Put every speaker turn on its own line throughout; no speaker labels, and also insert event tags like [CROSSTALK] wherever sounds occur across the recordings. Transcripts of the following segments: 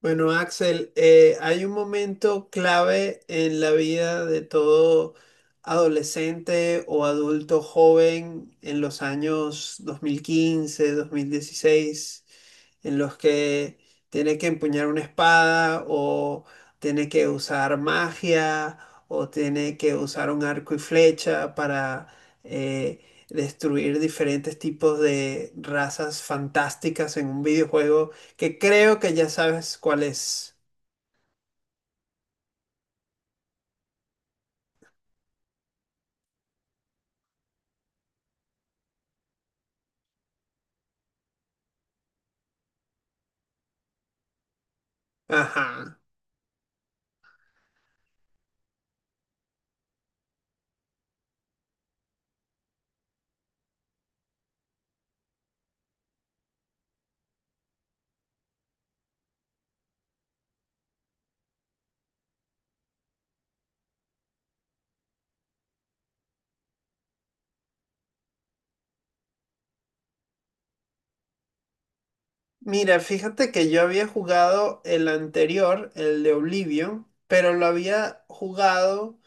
Bueno, Axel, hay un momento clave en la vida de todo adolescente o adulto joven en los años dos mil quince 2016 en los que tiene que empuñar una espada o tiene que usar magia o tiene que usar un arco y flecha para eh, destruir diferentes tipos de razas fantásticas en un videojuego que creo que ya sabes cuál es. Ajá. Mira, fíjate que yo había jugado el anterior, el de Oblivion, pero lo había jugado,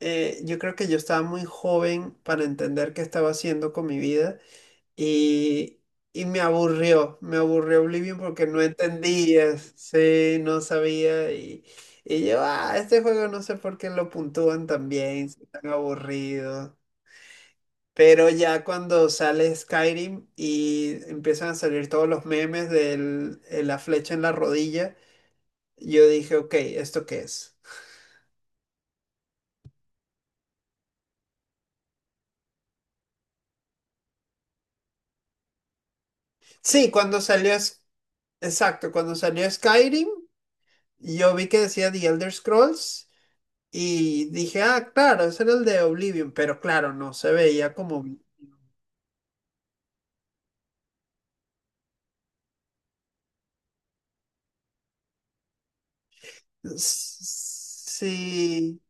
yo creo que yo estaba muy joven para entender qué estaba haciendo con mi vida y, y me aburrió Oblivion porque no entendía, sí, no sabía, y yo, ah, este juego no sé por qué lo puntúan tan bien, si es tan aburrido. Pero ya cuando sale Skyrim y empiezan a salir todos los memes de la flecha en la rodilla, yo dije, ok, ¿esto qué es? Sí, cuando salió, exacto, cuando salió Skyrim, yo vi que decía The Elder Scrolls y dije, ah, claro, ese era el de Oblivion, pero claro, no se veía como... Sí,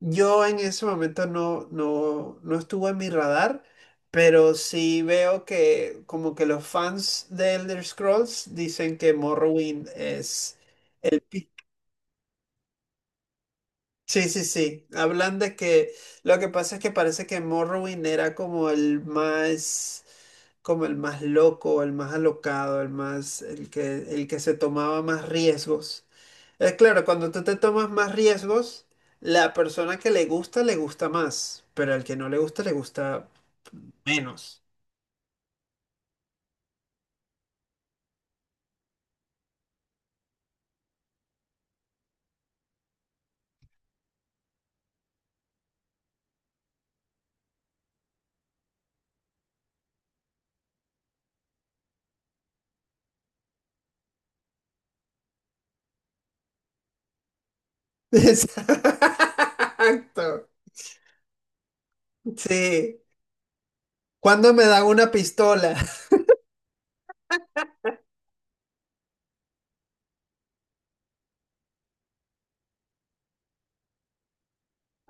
yo en ese momento no estuvo en mi radar, pero sí veo que como que los fans de Elder Scrolls dicen que Morrowind es el... Sí, sí, sí. Hablan de que lo que pasa es que parece que Morrowind era como el más loco, el más alocado, el que se tomaba más riesgos. Claro, cuando tú te tomas más riesgos, la persona que le gusta más, pero al que no le gusta, le gusta menos. [LAUGHS] Exacto. Sí. ¿Cuándo me dan una pistola? [LAUGHS]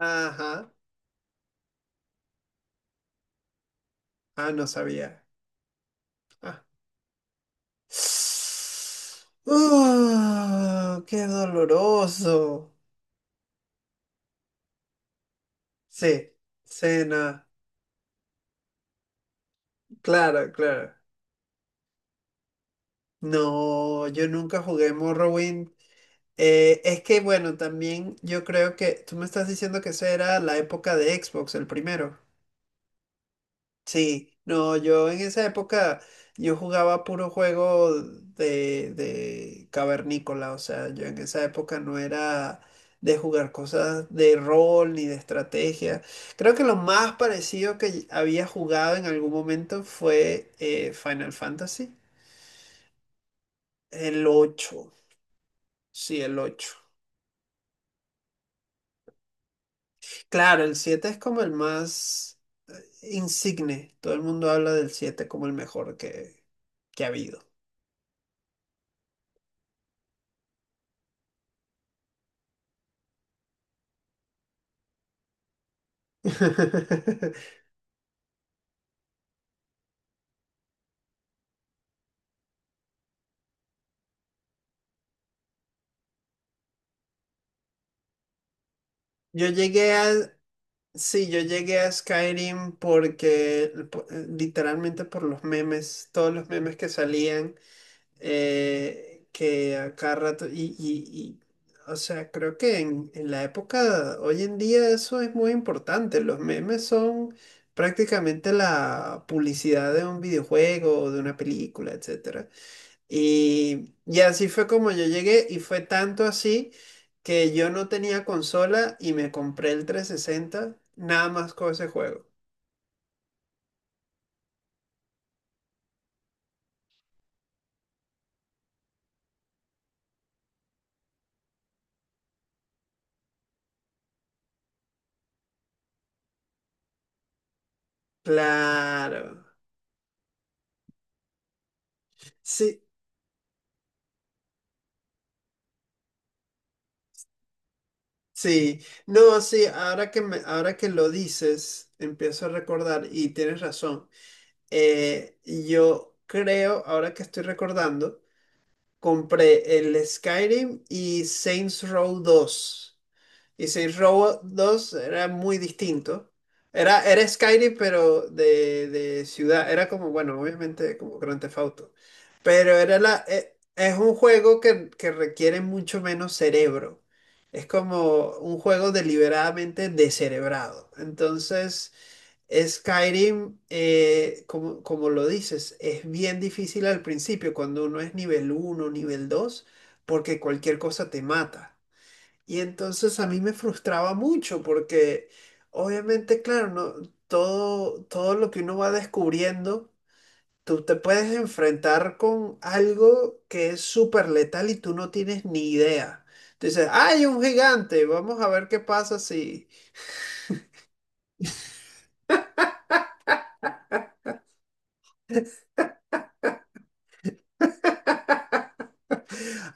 Ajá. Ah, no sabía. Ah. Qué doloroso. Sí, cena. Claro, claro. No, yo nunca jugué Morrowind. Es que bueno, también yo creo que tú me estás diciendo que esa era la época de Xbox, el primero. Sí, no, yo en esa época yo jugaba puro juego de cavernícola, o sea, yo en esa época no era de jugar cosas de rol ni de estrategia. Creo que lo más parecido que había jugado en algún momento fue Final Fantasy, el ocho, sí, el ocho. Claro, el 7 es como el más insigne. Todo el mundo habla del 7 como el mejor que ha habido. [LAUGHS] Yo llegué a... Sí, yo llegué a Skyrim porque literalmente por los memes, todos los memes que salían, que a cada rato, o sea, creo que en la época, hoy en día eso es muy importante, los memes son prácticamente la publicidad de un videojuego, de una película, etcétera. Y así fue como yo llegué y fue tanto así que yo no tenía consola y me compré el 360 nada más con ese juego. Claro. Sí, sí. No, sí, ahora que lo dices, empiezo a recordar y tienes razón. Yo creo, ahora que estoy recordando, compré el Skyrim y Saints Row dos. Y Saints Row 2 era muy distinto. Era Skyrim, pero de ciudad. Era como, bueno, obviamente como Grand Theft Auto. Pero era es un juego que requiere mucho menos cerebro. Es como un juego deliberadamente descerebrado. Entonces, Skyrim, como lo dices, es bien difícil al principio cuando uno es nivel uno nivel 2 porque cualquier cosa te mata. Y entonces a mí me frustraba mucho porque obviamente, claro, no, todo lo que uno va descubriendo, tú te puedes enfrentar con algo que es súper letal y tú no tienes ni idea. Tú dices, hay un gigante, vamos a ver qué pasa si...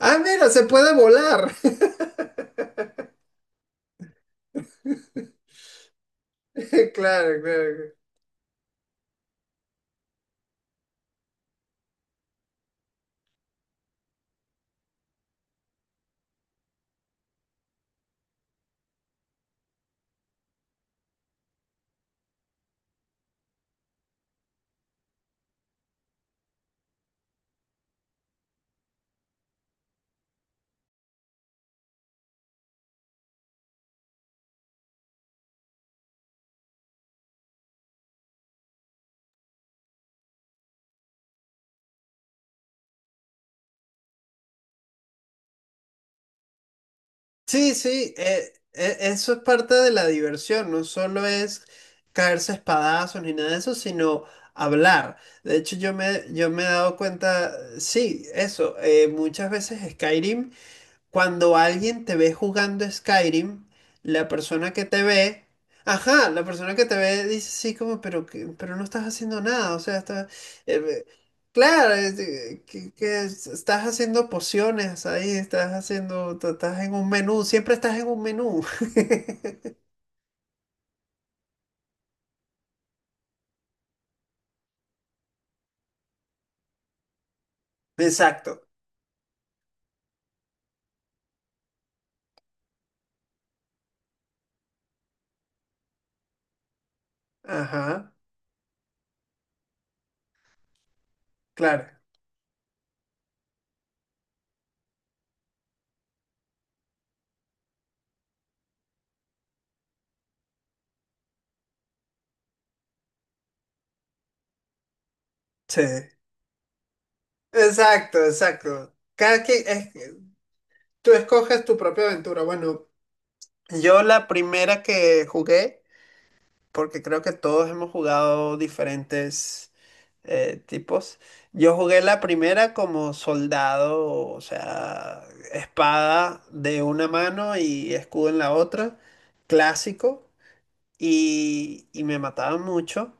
Ah, mira, se puede volar. [LAUGHS] Claro, claro, claro. Sí, sí, eso es parte de la diversión, no solo es caerse a espadazos ni nada de eso, sino hablar. De hecho, yo me he dado cuenta, sí, eso, muchas veces Skyrim cuando alguien te ve jugando Skyrim, la persona que te ve, ajá, la persona que te ve dice sí como, pero, pero no estás haciendo nada, o sea, estás, eh, claro, es, estás haciendo pociones ahí, estás haciendo, estás en un menú, siempre estás en un menú. [LAUGHS] Exacto, ajá, claro, sí, exacto, exacto. Cada quien, tú escoges tu propia aventura. Bueno, yo la primera que jugué porque creo que todos hemos jugado diferentes tipos. Yo jugué la primera como soldado, o sea, espada de una mano y escudo en la otra, clásico, y me mataban mucho.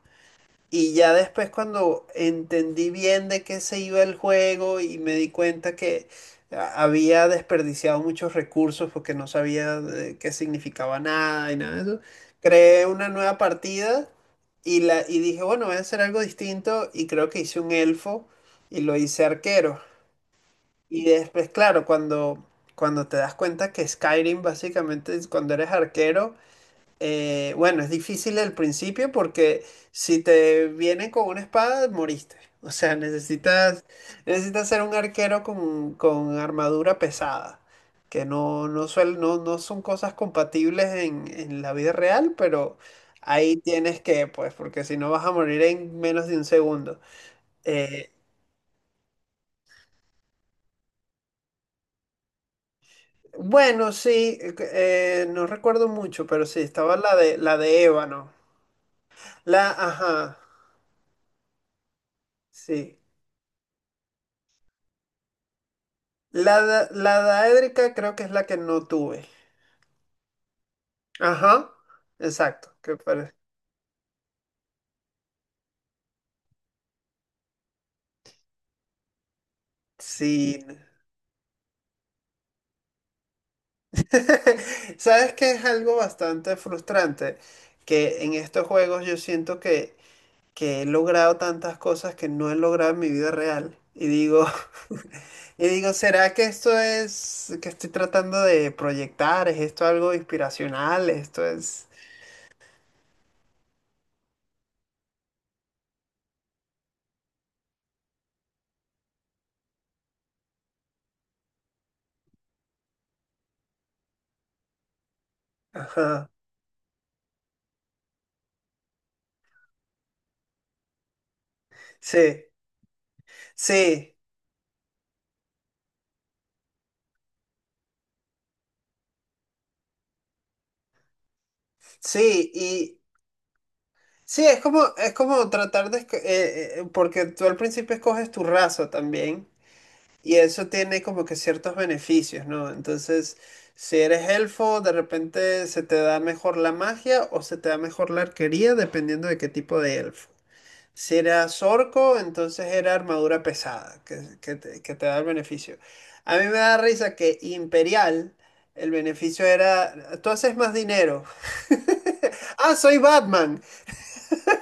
Y ya después cuando entendí bien de qué se iba el juego y me di cuenta que había desperdiciado muchos recursos porque no sabía de qué significaba nada y nada de eso, creé una nueva partida y dije, bueno, voy a hacer algo distinto y creo que hice un elfo y lo hice arquero. Y después, claro, cuando, cuando te das cuenta que Skyrim básicamente es cuando eres arquero, bueno, es difícil al principio porque si te vienen con una espada, moriste. [LAUGHS] O sea, necesitas ser un arquero con armadura pesada, que no son cosas compatibles en la vida real, pero ahí tienes que, pues, porque si no vas a morir en menos de un segundo. Eh, bueno, sí, no recuerdo mucho, pero sí, estaba la de ébano. La, ajá, sí. La daédrica creo que es la que no tuve. Ajá, exacto. Que parece. Sí. [LAUGHS] ¿Sabes que es algo bastante frustrante? Que en estos juegos yo siento que he logrado tantas cosas que no he logrado en mi vida real. Y digo, [LAUGHS] y digo, ¿será que esto es que estoy tratando de proyectar? ¿Es esto algo inspiracional? ¿Esto es...? Ajá. Sí, sí, sí. Sí, es como tratar de, porque tú al principio escoges tu raza también y eso tiene como que ciertos beneficios, ¿no? Entonces, si eres elfo, de repente se te da mejor la magia o se te da mejor la arquería, dependiendo de qué tipo de elfo. Si eras orco, entonces era armadura pesada, que te da el beneficio. A mí me da risa que imperial, el beneficio era, tú haces más dinero. [LAUGHS] Ah, soy Batman. [LAUGHS]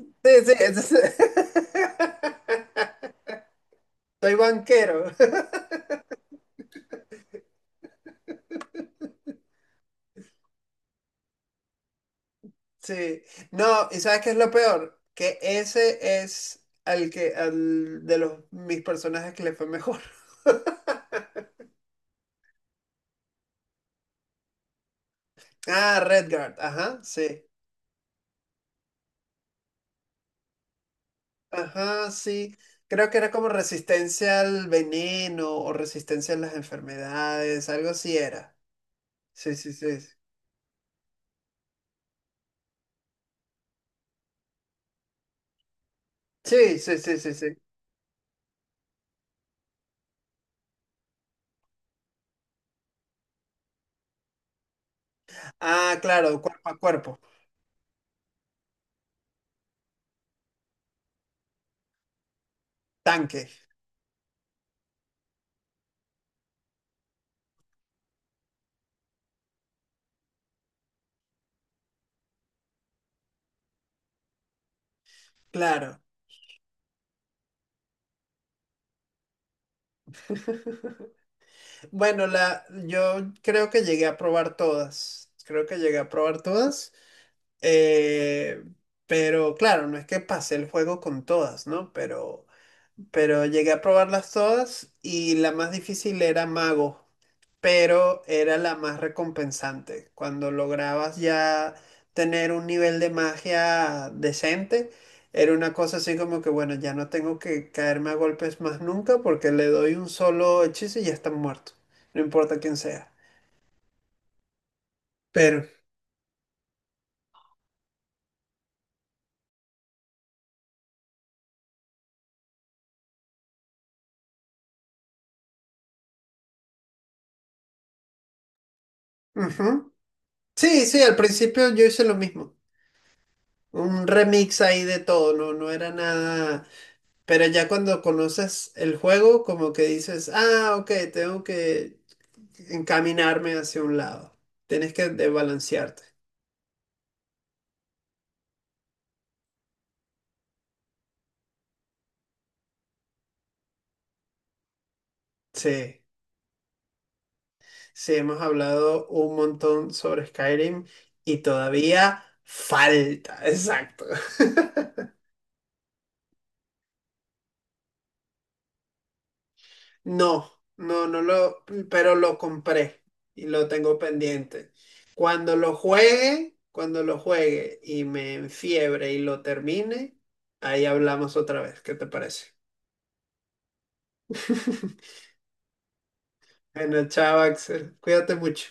Sí, sí, [LAUGHS] soy banquero. Sí. No, ¿y sabes qué es lo peor? Que ese es al que, al de los mis personajes que le fue mejor. [LAUGHS] Ah, Redguard, ajá, sí. Ajá, sí. Creo que era como resistencia al veneno o resistencia a las enfermedades, algo así era. Sí, sí, sí. Sí, sí, sí, sí, sí. Ah, claro, cuerpo a cuerpo, tanque. Claro. Bueno, la, yo creo que llegué a probar todas. Creo que llegué a probar todas. eh, pero claro, no es que pasé el juego con todas, ¿no? Pero llegué a probarlas todas y la más difícil era Mago, pero era la más recompensante. Cuando lograbas ya tener un nivel de magia decente, era una cosa así como que, bueno, ya no tengo que caerme a golpes más nunca porque le doy un solo hechizo y ya está muerto. No importa quién sea. Pero, ujú. Sí, sí, al principio yo hice lo mismo. Un remix ahí de todo, no, no era nada. Pero ya cuando conoces el juego, como que dices, ah, ok, tengo que encaminarme hacia un lado. Tienes que desbalancearte. Sí, sí, hemos hablado un montón sobre Skyrim y todavía falta, exacto. [LAUGHS] No, no, pero lo compré y lo tengo pendiente. Cuando lo juegue y me enfiebre y lo termine, ahí hablamos otra vez. ¿Qué te parece? [LAUGHS] Bueno, chao, Axel. Cuídate mucho.